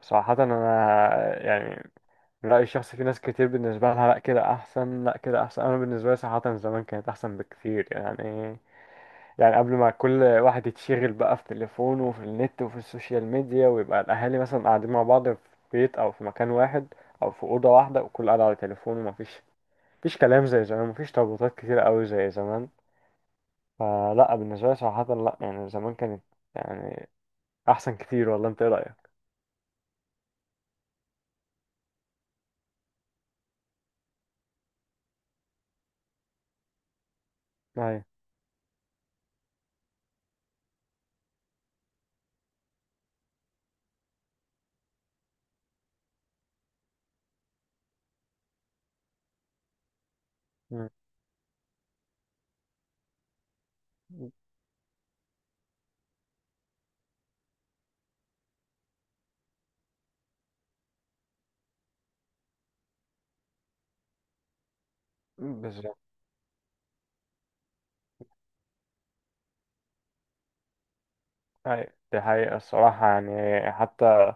صراحة أنا، يعني من رأيي الشخصي، في ناس كتير بالنسبة لها لأ كده أحسن، لأ كده أحسن. أنا بالنسبة لي صراحة زمان كانت أحسن بكتير يعني قبل ما كل واحد يتشغل بقى في تليفونه وفي النت وفي السوشيال ميديا، ويبقى الأهالي مثلا قاعدين مع بعض في بيت أو في مكان واحد، أو في أوضة واحدة، وكل قاعد على تليفونه، ومفيش كلام زي زمان، مفيش ترابطات كتير أوي زي زمان. فلأ بالنسبة لي صراحة لأ، يعني زمان كانت، يعني، أحسن كتير والله. أنت إيه رأيك؟ أيوة. مم. بالظبط. هاي دي حقيقة الصراحة، يعني حتى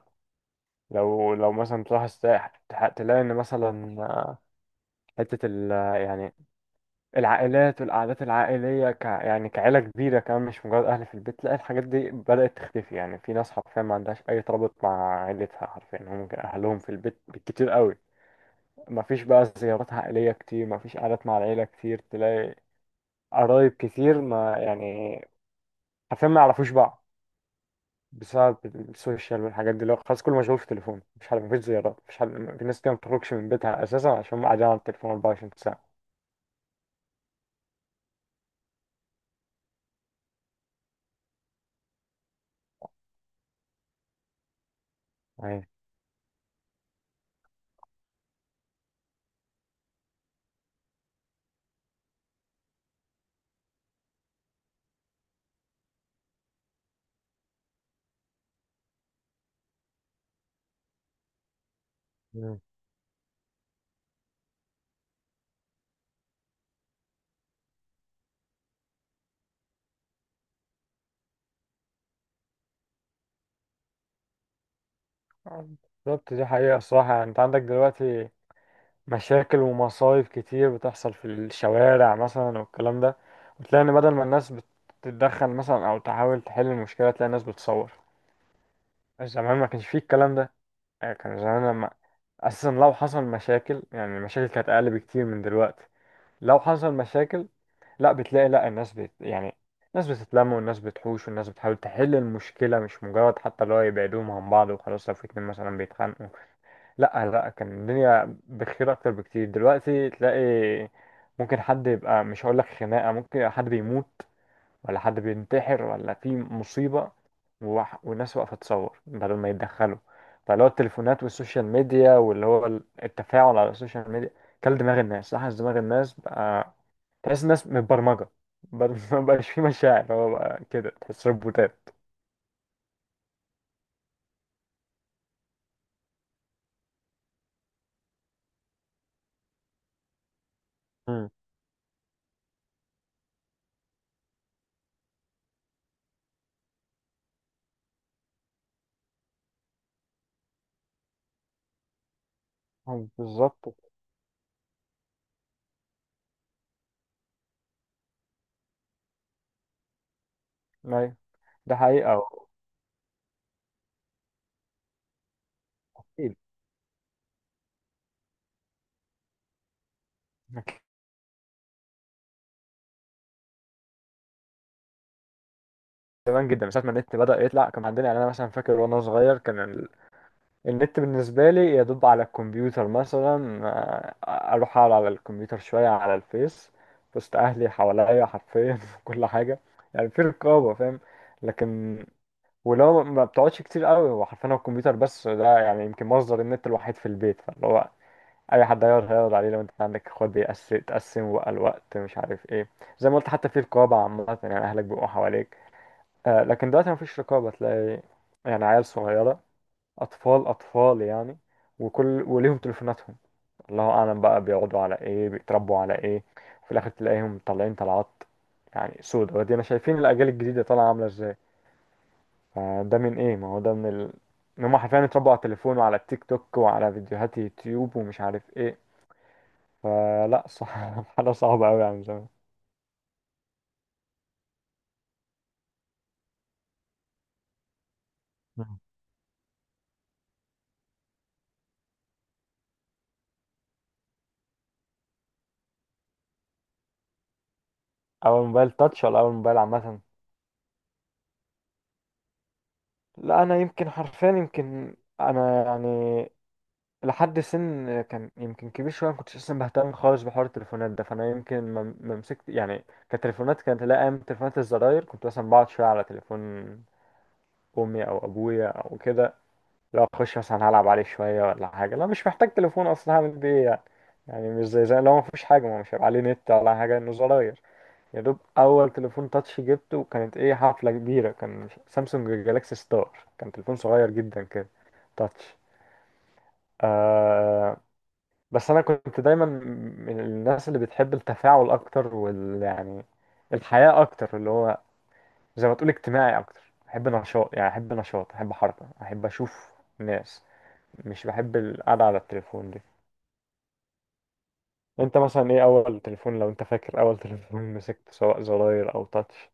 لو مثلا تروح الساحل، تلاقي إن مثلا حتة ال يعني العائلات والقعدات العائلية، يعني كعيلة كبيرة كمان، مش مجرد أهل في البيت، تلاقي الحاجات دي بدأت تختفي. يعني في ناس حرفيا ما عندهاش أي ترابط مع عيلتها، حرفيا هم ممكن أهلهم في البيت بالكتير قوي. مفيش بقى زيارات عائلية كتير، مفيش قعدات مع العيلة كتير، تلاقي قرايب كتير ما يعني حرفيا ما يعرفوش بعض، بسبب السوشيال والحاجات دي، اللي هو خلاص كله مشغول في التليفون، مفيش حد، مفيش زيارات، مفيش حد. في ناس كده ما بتخرجش من بيتها اساسا عشان هم قاعدين على التليفون 24 ساعة. أيوة. مم. بالظبط. دي حقيقة الصراحة. يعني انت عندك دلوقتي مشاكل ومصايب كتير بتحصل في الشوارع مثلا والكلام ده، وتلاقي ان بدل ما الناس بتتدخل مثلا او تحاول تحل المشكلة، تلاقي الناس بتصور. زمان ما كانش فيه الكلام ده. يعني كان زمان لما اساسا لو حصل مشاكل، يعني المشاكل كانت اقل بكتير من دلوقتي. لو حصل مشاكل، لا بتلاقي لا الناس بت، يعني، الناس بتتلم، والناس بتحوش، والناس بتحاول تحل المشكلة، مش مجرد حتى اللي هو يبعدوهم عن بعض وخلاص لو في اتنين مثلا بيتخانقوا. لا لا، كان الدنيا بخير أكتر بكتير. دلوقتي تلاقي ممكن حد يبقى، مش هقول لك خناقة، ممكن يبقى حد بيموت، ولا حد بينتحر، ولا في مصيبة، والناس واقفة تصور بدل ما يتدخلوا. فاللي هو التليفونات والسوشيال ميديا، واللي هو التفاعل على السوشيال ميديا، كل دماغ الناس، لاحظ دماغ الناس بقى، تحس الناس متبرمجة. بدل ما بقاش فيه مشاعر، هو بقى كده تحس روبوتات. امم بالظبط. أيوة. ده حقيقة. أكيد. زمان جدا من ساعة ما النت بدأ يطلع كان عندنا، يعني أنا مثلا فاكر وأنا صغير، كان النت بالنسبة لي يدوب على الكمبيوتر، مثلا أروح أقعد على الكمبيوتر شوية على الفيس، وسط أهلي حواليا حرفيا في كل حاجة، يعني في رقابة، فاهم. لكن ولو ما بتقعدش كتير قوي، هو حرفيا هو الكمبيوتر بس ده، يعني يمكن مصدر النت الوحيد في البيت، فاللي هو اي حد هيقعد، عليه لو انت عندك اخوات، بيقسم تقسم بقى الوقت، مش عارف ايه. زي ما قلت، حتى في رقابه عامه، يعني اهلك بيبقوا حواليك. آه، لكن دلوقتي مفيش رقابه. تلاقي يعني عيال صغيره، اطفال اطفال يعني، وكل وليهم تليفوناتهم. الله اعلم بقى بيقعدوا على ايه، بيتربوا على ايه. وفي الاخر تلاقيهم طالعين طلعات يعني سودا ودينا. شايفين الاجيال الجديده طالعه عامله ازاي. فده من ايه؟ ما هو ده من ان هم حرفيا اتربوا على التليفون، وعلى التيك توك، وعلى فيديوهات يوتيوب، ومش عارف ايه. فلا صح، حاجة صعبة أوي عن زمان. مم. أول موبايل تاتش ولا أول موبايل عامة؟ لا أنا يمكن حرفيا، يمكن أنا يعني لحد سن كان يمكن كبير شوية ما كنتش أصلا بهتم خالص بحوار التليفونات ده، فأنا يمكن ما مسكت يعني، كتليفونات كانت، لا أيام تليفونات الزراير كنت مثلا بقعد شوية على تليفون أمي أو أبويا أو كده، لو أخش مثلا هلعب عليه شوية ولا حاجة. لا مش محتاج تليفون أصلا. هعمل بيه إيه يعني؟ يعني مش زي لو مفيش حاجة، ما مش هيبقى عليه نت ولا حاجة، إنه زراير. يا دوب اول تليفون تاتش جبته، وكانت ايه حفله كبيره، كان سامسونج جالاكسي ستار. كان تليفون صغير جدا كده، تاتش. آه. بس انا كنت دايما من الناس اللي بتحب التفاعل اكتر، وال يعني الحياه اكتر، اللي هو زي ما تقول اجتماعي اكتر. احب نشاط، يعني احب نشاط، احب حركه، احب اشوف ناس. مش بحب القعده على التليفون دي. انت مثلا ايه اول تليفون، لو انت فاكر اول تليفون مسكته، سواء زراير او تاتش؟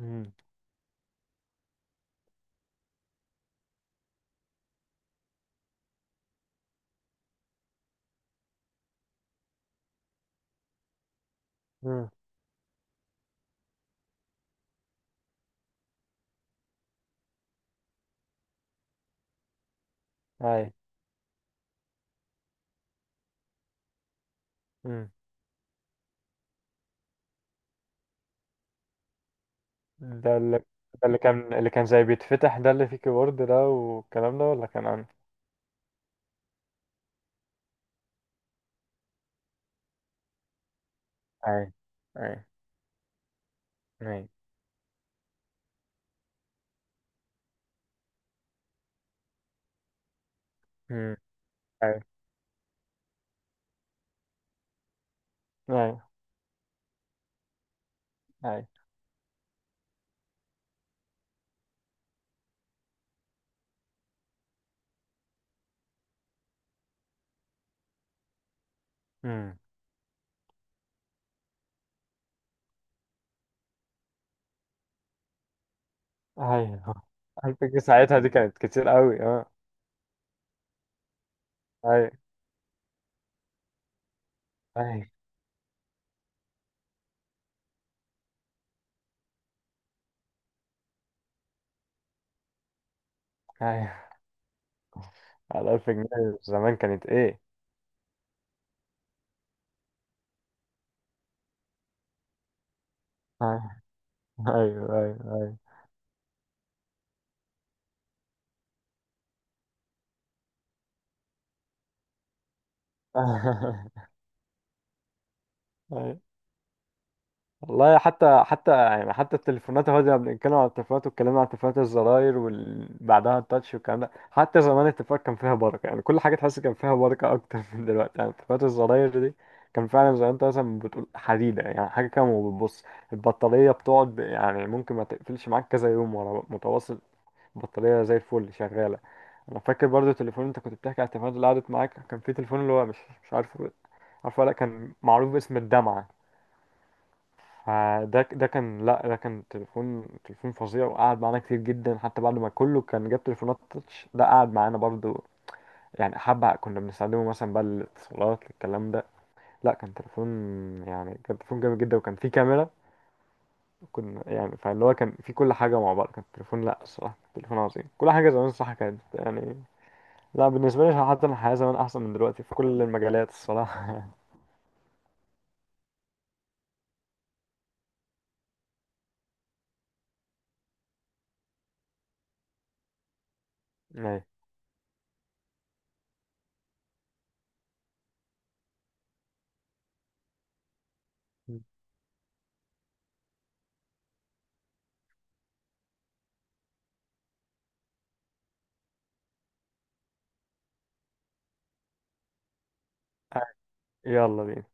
امم امم اي. امم ده اللي، ده اللي كان اللي كان زي بيتفتح ده، اللي فيه كيبورد ده والكلام ده، ولا كان عندي؟ اي. اي. اي. امم اي. اي. اي. امم اي. ألف جنيه ساعتها دي كانت كتير قوي، اه. اي. اي. اي. على 1000 جنيه زمان، كانت ايه. اي. ايوه، ايوه، ايوه. والله، حتى يعني حتى التليفونات اهو، زي ما بنتكلم على التليفونات، واتكلمنا على تليفونات الزراير وبعدها التاتش والكلام ده. حتى زمان التليفونات كان فيها بركة، يعني كل حاجة تحس كان فيها بركة أكتر من دلوقتي. يعني تليفونات الزراير دي كان فعلا زي ما أنت مثلا بتقول حديدة، يعني حاجة كده. وبتبص البطارية بتقعد، يعني ممكن ما تقفلش معاك كذا يوم ورا متواصل. البطارية زي الفل شغالة. أنا فاكر برضو التليفون، أنت كنت بتحكي على التليفونات اللي قعدت معاك، كان في تليفون اللي هو مش عارفه، عارفه ولا لأ، كان معروف باسم الدمعة. فده، ده كان لا ده كان تليفون، فظيع. وقعد معانا كتير جدا، حتى بعد ما كله كان جاب تليفونات تاتش، ده قعد معانا برضو، يعني حبة كنا بنستخدمه مثلا بقى للاتصالات الكلام ده. لا كان تليفون، يعني كان تليفون جامد جدا وكان فيه كاميرا. كنا يعني، فاللي هو كان فيه كل حاجة مع بعض، كان التليفون، لا الصراحة تليفون عظيم. كل حاجة زمان الصراحة كانت يعني، لا، بالنسبة لي حتى الحياة زمان أحسن من دلوقتي في كل المجالات الصراحة. أيوة. يلا بينا